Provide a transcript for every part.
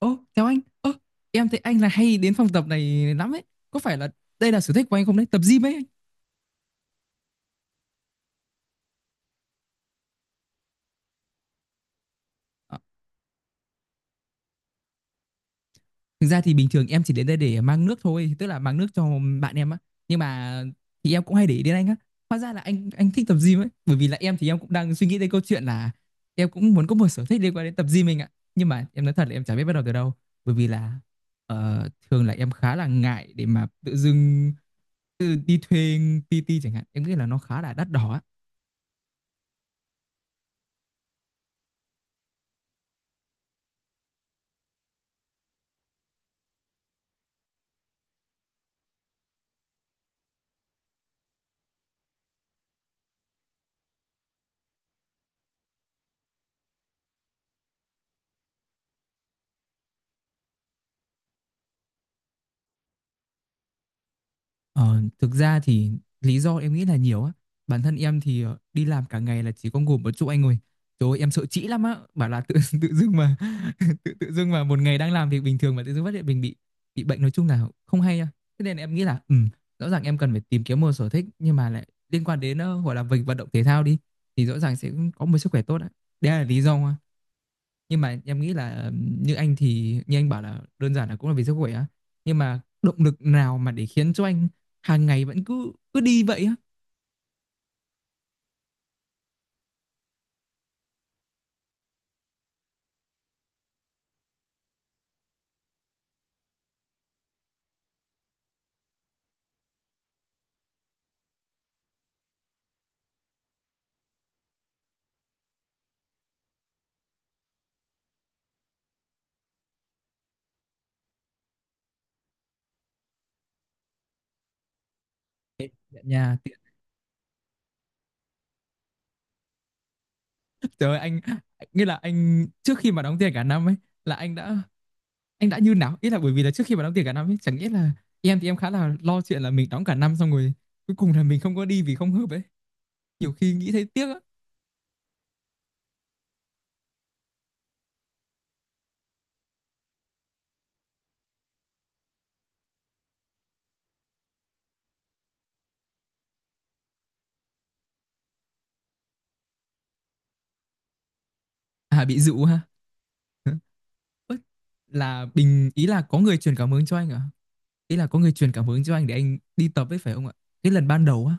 Ô, chào anh. Em thấy anh là hay đến phòng tập này lắm ấy. Có phải là đây là sở thích của anh không đấy? Tập gym ấy anh. Ờ, thực ra thì bình thường em chỉ đến đây để mang nước thôi, tức là mang nước cho bạn em á. Nhưng mà thì em cũng hay để ý đến anh á. Hóa ra là anh thích tập gym ấy, bởi vì là em thì em cũng đang suy nghĩ đến câu chuyện là em cũng muốn có một sở thích liên quan đến tập gym mình ạ. Nhưng mà em nói thật là em chả biết bắt đầu từ đâu, bởi vì là thường là em khá là ngại để mà tự dưng tự đi thuê PT chẳng hạn. Em nghĩ là nó khá là đắt đỏ á. Ờ, Thực ra thì lý do em nghĩ là nhiều á. Bản thân em thì đi làm cả ngày là chỉ có ngủ một chỗ anh ơi. Trời ơi, em sợ trĩ lắm á. Bảo là tự tự dưng mà tự tự dưng mà một ngày đang làm việc bình thường mà tự dưng phát hiện mình bị bệnh nói chung là không hay á. Thế nên em nghĩ là ừ, rõ ràng em cần phải tìm kiếm một sở thích nhưng mà lại liên quan đến gọi là việc vận động thể thao đi thì rõ ràng sẽ có một sức khỏe tốt á. Đấy là lý do nhưng mà em nghĩ là như anh thì như anh bảo là đơn giản là cũng là vì sức khỏe á, nhưng mà động lực nào mà để khiến cho anh hàng ngày vẫn cứ cứ đi vậy á? Dọn nhà tiện. Trời ơi, anh nghĩa là anh trước khi mà đóng tiền cả năm ấy là anh đã như nào, ý là bởi vì là trước khi mà đóng tiền cả năm ấy chẳng nghĩa là em thì em khá là lo chuyện là mình đóng cả năm xong rồi cuối cùng là mình không có đi vì không hợp ấy, nhiều khi nghĩ thấy tiếc á. À, bị dụ ha. Ớ, là bình, ý là có người truyền cảm hứng cho anh à, ý là có người truyền cảm hứng cho anh để anh đi tập ấy phải không ạ? Cái lần ban đầu á.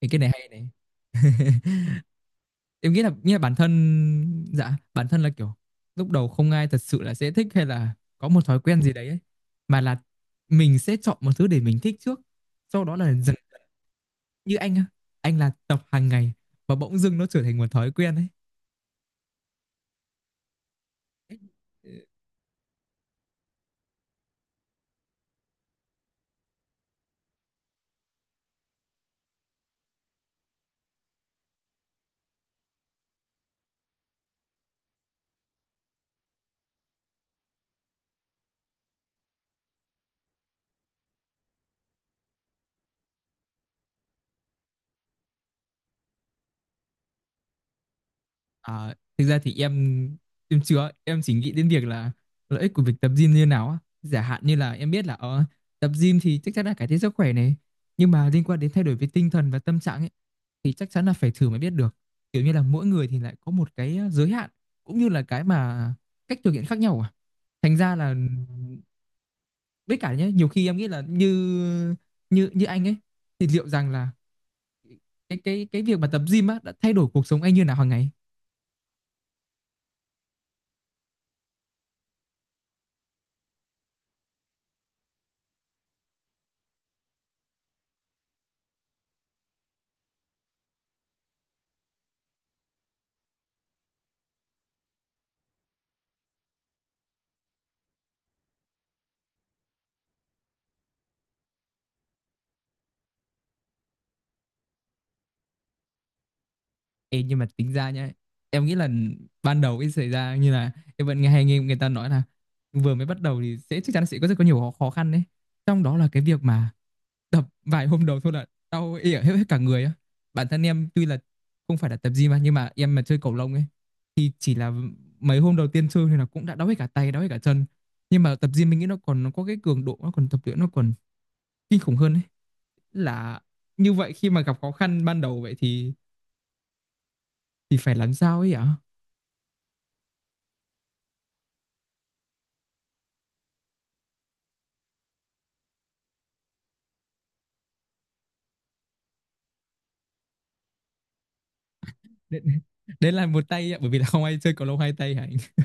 Thì cái này hay này, em nghĩ là như là bản thân, dạ bản thân là kiểu lúc đầu không ai thật sự là sẽ thích hay là có một thói quen gì đấy ấy. Mà là mình sẽ chọn một thứ để mình thích trước, sau đó là dần như anh á, anh là tập hàng ngày và bỗng dưng nó trở thành một thói quen ấy. À, thực ra thì em chưa, em chỉ nghĩ đến việc là lợi ích của việc tập gym như nào á, giả hạn như là em biết là tập gym thì chắc chắn là cải thiện sức khỏe này, nhưng mà liên quan đến thay đổi về tinh thần và tâm trạng ấy thì chắc chắn là phải thử mới biết được, kiểu như là mỗi người thì lại có một cái giới hạn cũng như là cái mà cách thực hiện khác nhau à, thành ra là với cả nhé nhiều khi em nghĩ là như như như anh ấy thì liệu rằng là cái việc mà tập gym á đã thay đổi cuộc sống anh như nào hàng ngày. Ê, nhưng mà tính ra nhá, em nghĩ là ban đầu cái xảy ra như là em vẫn nghe, hay nghe người ta nói là vừa mới bắt đầu thì sẽ chắc chắn sẽ có rất có nhiều khó khó khăn đấy, trong đó là cái việc mà tập vài hôm đầu thôi là đau ỉa hết, hết cả người á. Bản thân em tuy là không phải là tập gym mà nhưng mà em mà chơi cầu lông ấy thì chỉ là mấy hôm đầu tiên chơi thì là cũng đã đau hết cả tay đau hết cả chân, nhưng mà tập gym mình nghĩ nó còn nó có cái cường độ nó còn tập luyện nó còn kinh khủng hơn ấy. Là như vậy khi mà gặp khó khăn ban đầu vậy thì phải làm sao ấy ạ? Đấy, đấy là một tay ạ, bởi vì là không ai chơi cầu lông hai tay hả anh?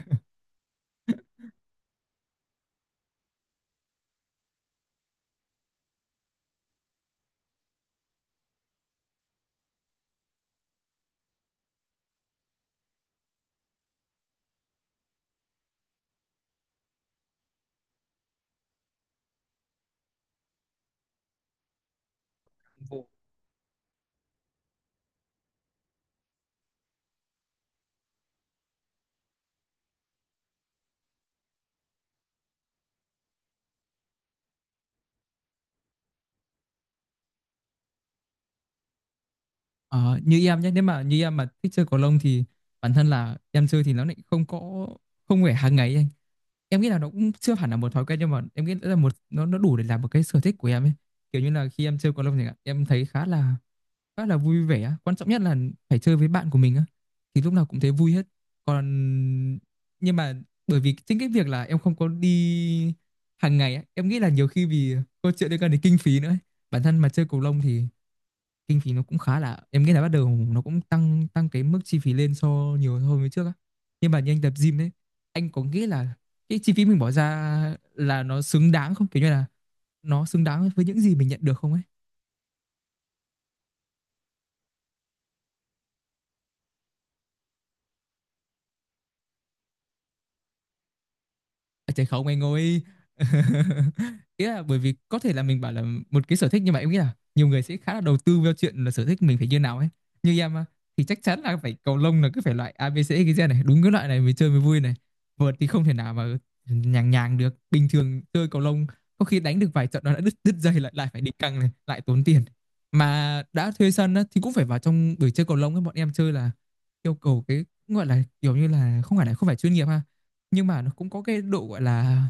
Ờ, như em nhé, nếu mà như em mà thích chơi cầu lông thì bản thân là em chơi thì nó lại không có, không phải hàng ngày ấy anh. Em nghĩ là nó cũng chưa hẳn là một thói quen nhưng mà em nghĩ là một, nó đủ để làm một cái sở thích của em ấy, kiểu như là khi em chơi cầu lông thì em thấy khá là vui vẻ. Quan trọng nhất là phải chơi với bạn của mình á. Thì lúc nào cũng thấy vui hết. Còn nhưng mà bởi vì chính cái việc là em không có đi hàng ngày á, em nghĩ là nhiều khi vì câu chuyện liên quan đến kinh phí nữa ấy. Bản thân mà chơi cầu lông thì kinh phí nó cũng khá là, em nghĩ là bắt đầu nó cũng tăng tăng cái mức chi phí lên so nhiều hơn với trước á. Nhưng mà như anh tập gym đấy, anh có nghĩ là cái chi phí mình bỏ ra là nó xứng đáng không? Kiểu như là nó xứng đáng với những gì mình nhận được không ấy? À, Trời không anh ơi. Ý là bởi vì có thể là mình bảo là một cái sở thích nhưng mà em nghĩ là nhiều người sẽ khá là đầu tư vào chuyện là sở thích mình phải như nào ấy. Như em á, thì chắc chắn là phải cầu lông là cứ phải loại A ABC cái gen này đúng cái loại này mới chơi mới vui này, vợt thì không thể nào mà nhàng nhàng được, bình thường chơi cầu lông có khi đánh được vài trận nó đã đứt đứt dây, lại lại phải đi căng này lại tốn tiền, mà đã thuê sân á, thì cũng phải vào trong buổi chơi cầu lông ấy bọn em chơi là yêu cầu cái gọi là kiểu như là không phải chuyên nghiệp ha, nhưng mà nó cũng có cái độ gọi là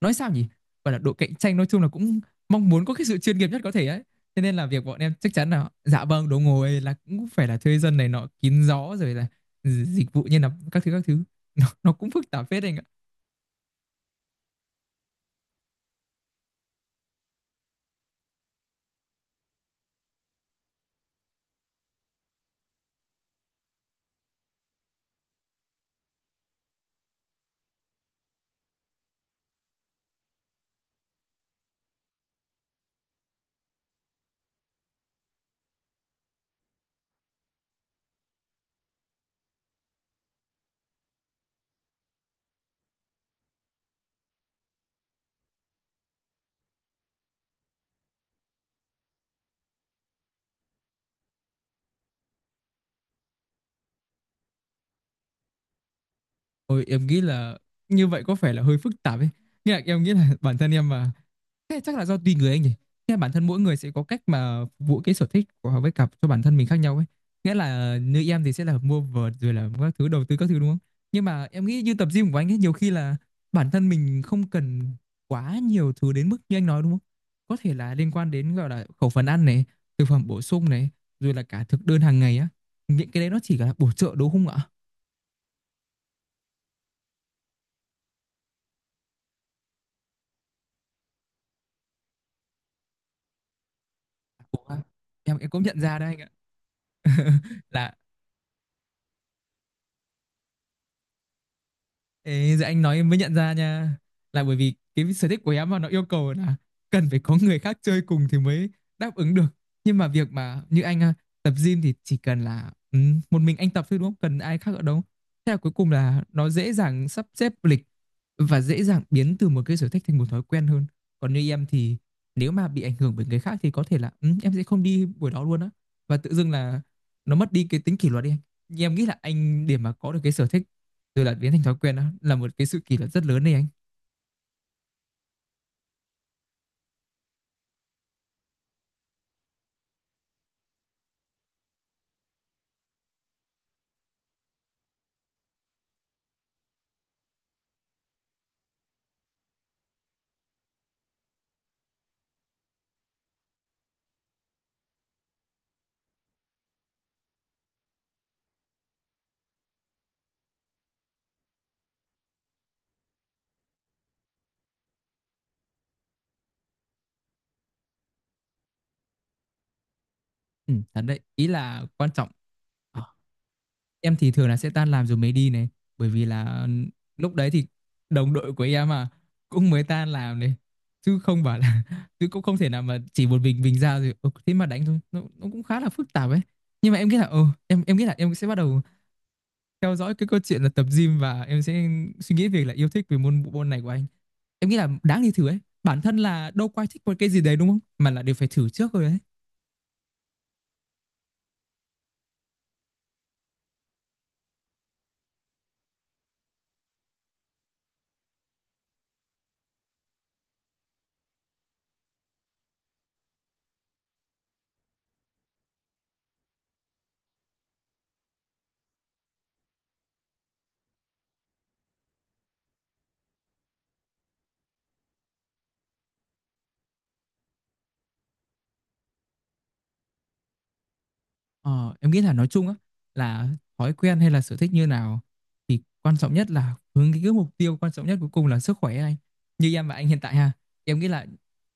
nói sao nhỉ, gọi là độ cạnh tranh, nói chung là cũng mong muốn có cái sự chuyên nghiệp nhất có thể ấy. Thế nên là việc bọn em chắc chắn là dạ vâng đồ ngồi là cũng phải là thuê dân này nọ kín gió rồi là dịch vụ như là các thứ nó cũng phức tạp phết anh ạ. Ôi em nghĩ là như vậy có phải là hơi phức tạp ấy, nhưng mà em nghĩ là bản thân em mà. Thế chắc là do tùy người anh nhỉ. Nghĩa là bản thân mỗi người sẽ có cách mà phục vụ cái sở thích của họ với cặp cho bản thân mình khác nhau ấy. Nghĩa là như em thì sẽ là mua vợt rồi là các thứ đầu tư các thứ đúng không? Nhưng mà em nghĩ như tập gym của anh ấy nhiều khi là bản thân mình không cần quá nhiều thứ đến mức như anh nói đúng không? Có thể là liên quan đến gọi là khẩu phần ăn này, thực phẩm bổ sung này, rồi là cả thực đơn hàng ngày á. Những cái đấy nó chỉ là bổ trợ đúng không ạ? Ủa, em cũng nhận ra đấy anh ạ. Là Ê, giờ anh nói em mới nhận ra nha, là bởi vì cái sở thích của em mà nó yêu cầu là cần phải có người khác chơi cùng thì mới đáp ứng được, nhưng mà việc mà như anh à, tập gym thì chỉ cần là ừ, một mình anh tập thôi đúng không cần ai khác ở đâu, thế là cuối cùng là nó dễ dàng sắp xếp lịch và dễ dàng biến từ một cái sở thích thành một thói quen hơn. Còn như em thì nếu mà bị ảnh hưởng bởi người khác thì có thể là ừ, em sẽ không đi buổi đó luôn á, và tự dưng là nó mất đi cái tính kỷ luật đi anh. Nhưng em nghĩ là anh để mà có được cái sở thích từ là biến thành thói quen đó là một cái sự kỷ luật rất lớn đấy anh. Ừ, thật đấy ý là quan trọng. Ờ, em thì thường là sẽ tan làm rồi mới đi này, bởi vì là lúc đấy thì đồng đội của em mà cũng mới tan làm này, chứ không bảo là chứ cũng không thể nào mà chỉ một mình ra rồi ừ, thế mà đánh thôi nó cũng khá là phức tạp ấy. Nhưng mà em nghĩ là ừ, em nghĩ là em sẽ bắt đầu theo dõi cái câu chuyện là tập gym và em sẽ suy nghĩ việc là yêu thích về môn bộ môn này của anh. Em nghĩ là đáng đi thử ấy, bản thân là đâu có ai thích một cái gì đấy đúng không mà là đều phải thử trước rồi đấy. Ờ, em nghĩ là nói chung á là thói quen hay là sở thích như nào thì quan trọng nhất là hướng đến cái mục tiêu quan trọng nhất cuối cùng là sức khỏe anh. Như em và anh hiện tại ha, em nghĩ là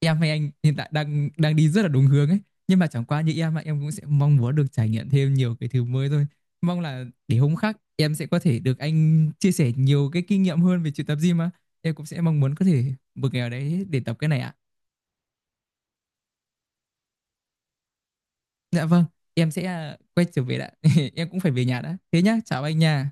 em hay anh hiện tại đang đang đi rất là đúng hướng ấy, nhưng mà chẳng qua như em mà em cũng sẽ mong muốn được trải nghiệm thêm nhiều cái thứ mới thôi. Mong là để hôm khác em sẽ có thể được anh chia sẻ nhiều cái kinh nghiệm hơn về chuyện tập gym á. Em cũng sẽ mong muốn có thể một ngày nào đấy để tập cái này ạ. Dạ vâng, em sẽ quay trở về đã. Em cũng phải về nhà đã. Thế nhá, chào anh nha.